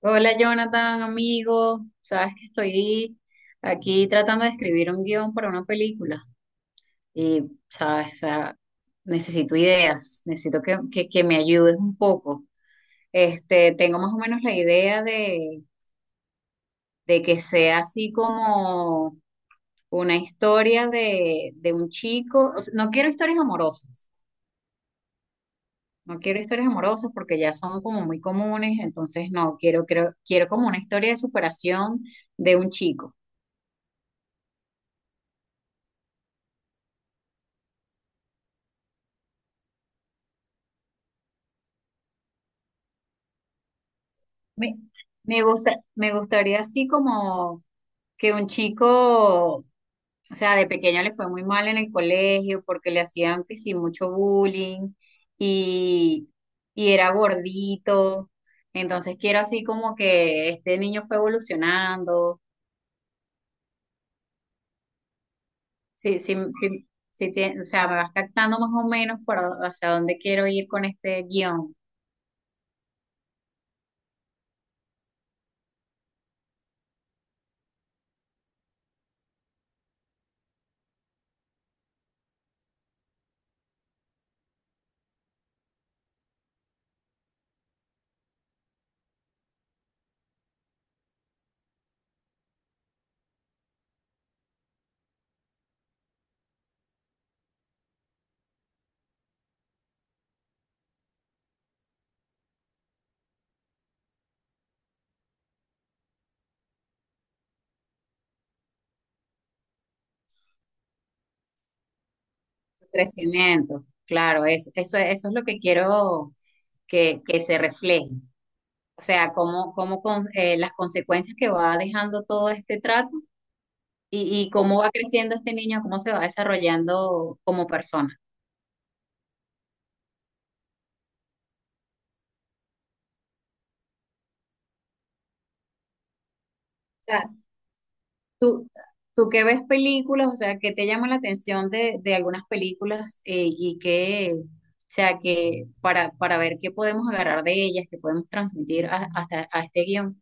Hola Jonathan, amigo. Sabes que estoy aquí tratando de escribir un guión para una película y, sabes, o sea, necesito ideas, necesito que me ayudes un poco. Este, tengo más o menos la idea de que sea así como una historia de un chico. O sea, no quiero historias amorosas, no quiero historias amorosas porque ya son como muy comunes, entonces no, quiero, creo, quiero como una historia de superación de un chico. Me, me gusta, me gustaría así como que un chico, o sea, de pequeño le fue muy mal en el colegio porque le hacían que sí mucho bullying y, y era gordito. Entonces quiero así como que este niño fue evolucionando. Sí, sí, sí, o sea, me vas captando más o menos para hacia dónde quiero ir con este guión. Crecimiento, claro, eso es lo que quiero que se refleje. O sea, cómo, las consecuencias que va dejando todo este trato y cómo va creciendo este niño, cómo se va desarrollando como persona. O sea, tú, tú que ves películas, o sea, qué te llama la atención de algunas películas y que, o sea, que para ver qué podemos agarrar de ellas, qué podemos transmitir hasta a este guión.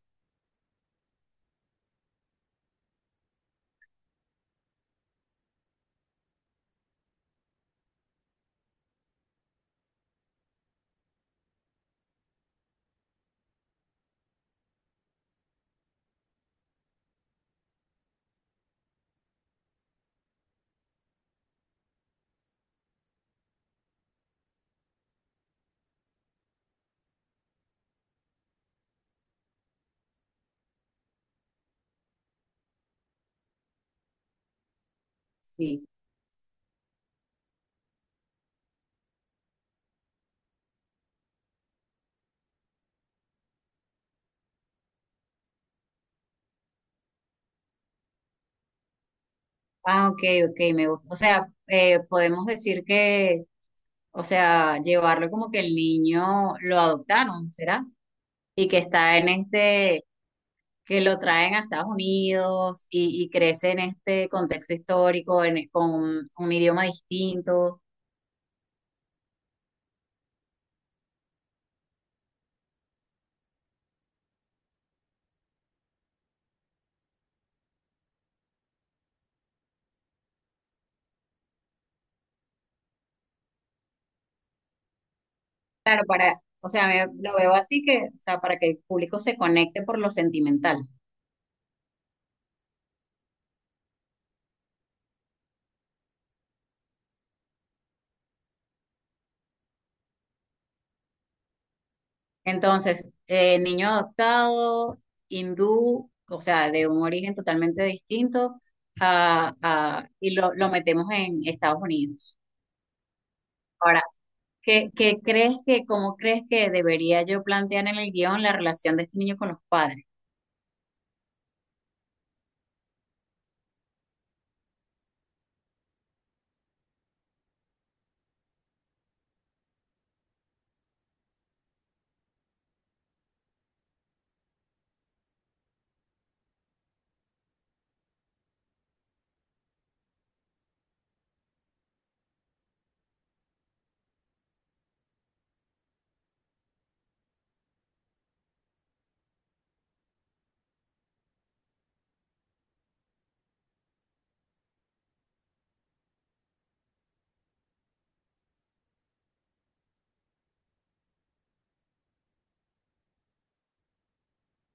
Sí. Ah, ok, ok, me gusta. O sea, podemos decir que, o sea, llevarlo como que el niño lo adoptaron, ¿será? Y que está en este, que lo traen a Estados Unidos y crece en este contexto histórico, en, con un idioma distinto. Claro, o sea, lo veo así que, o sea, para que el público se conecte por lo sentimental. Entonces, niño adoptado, hindú, o sea, de un origen totalmente distinto, y lo metemos en Estados Unidos. Ahora, ¿qué crees que, cómo crees que debería yo plantear en el guión la relación de este niño con los padres?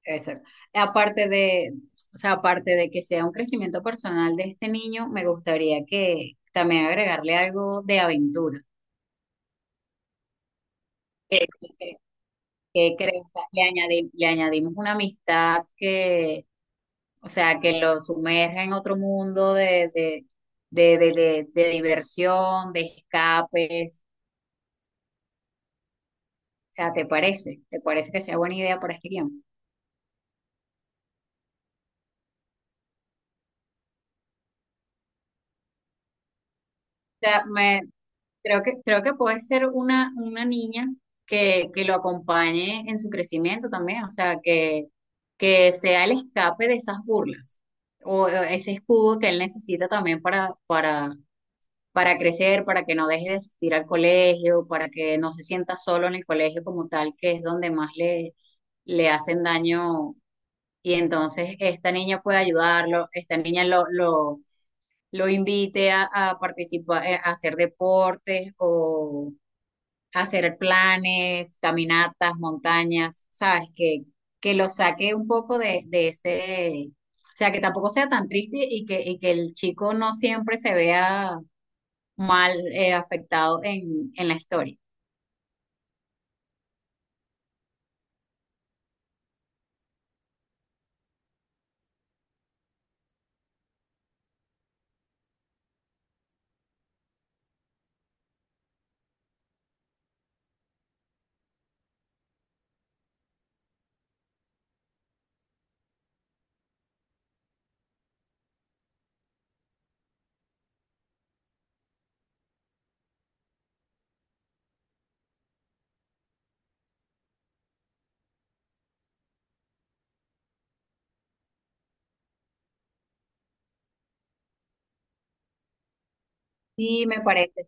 Exacto. Aparte de, o sea, aparte de que sea un crecimiento personal de este niño, me gustaría que también agregarle algo de aventura. ¿Qué, qué crees? ¿Qué le le añadimos una amistad que, o sea, que lo sumerja en otro mundo de diversión, de escapes. O sea, ¿te parece? ¿Te parece que sea buena idea para este guión? Sea, me, creo que puede ser una niña que lo acompañe en su crecimiento también, o sea, que sea el escape de esas burlas o ese escudo que él necesita también para crecer, para que no deje de asistir al colegio, para que no se sienta solo en el colegio como tal, que es donde más le, le hacen daño. Y entonces esta niña puede ayudarlo, esta niña lo invite a participar, a hacer deportes o hacer planes, caminatas, montañas, ¿sabes? Que lo saque un poco de ese, o sea, que tampoco sea tan triste y que el chico no siempre se vea mal, afectado en la historia. Sí, me parece.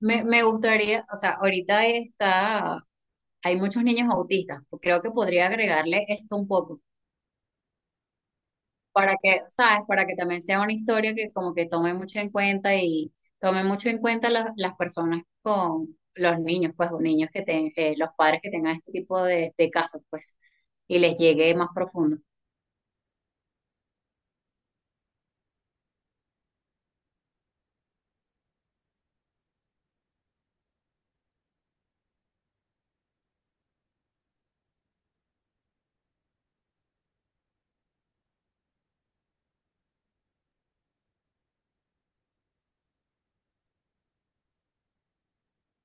Me gustaría, o sea, ahorita está, hay muchos niños autistas, creo que podría agregarle esto un poco para que, ¿sabes? Para que también sea una historia que como que tome mucho en cuenta y tome mucho en cuenta las personas con los niños, pues, o niños que los padres que tengan este tipo de casos, pues, y les llegue más profundo. O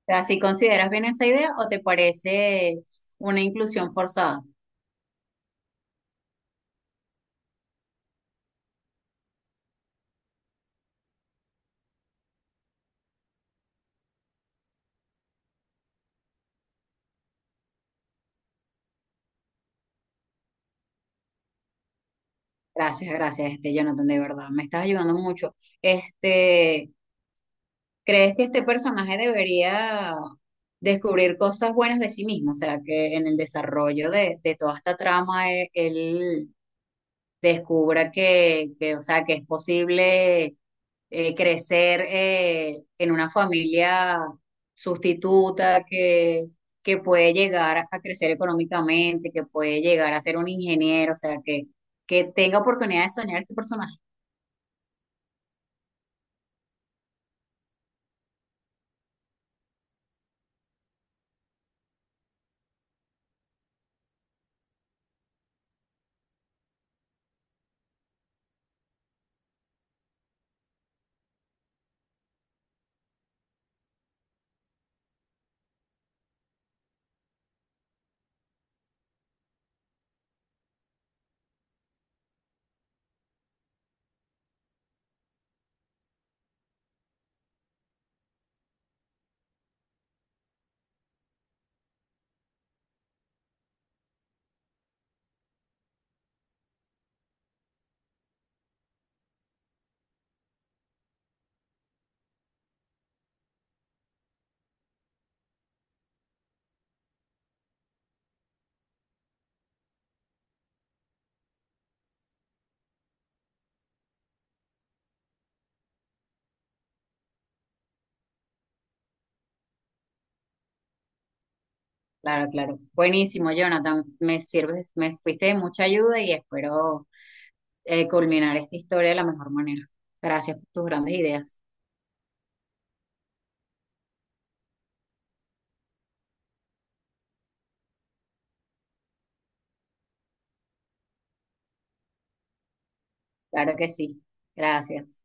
sea, si consideras bien esa idea o te parece una inclusión forzada. Gracias, gracias, este Jonathan, de verdad, me estás ayudando mucho. Este, ¿crees que este personaje debería descubrir cosas buenas de sí mismo? O sea, que en el desarrollo de toda esta trama él, descubra que, o sea, que es posible crecer en una familia sustituta, que puede llegar a crecer económicamente, que puede llegar a ser un ingeniero, o sea, que tenga oportunidad de soñar este personaje. Claro, claro. Buenísimo, Jonathan. Me sirves, me fuiste de mucha ayuda y espero culminar esta historia de la mejor manera. Gracias por tus grandes ideas. Claro que sí. Gracias.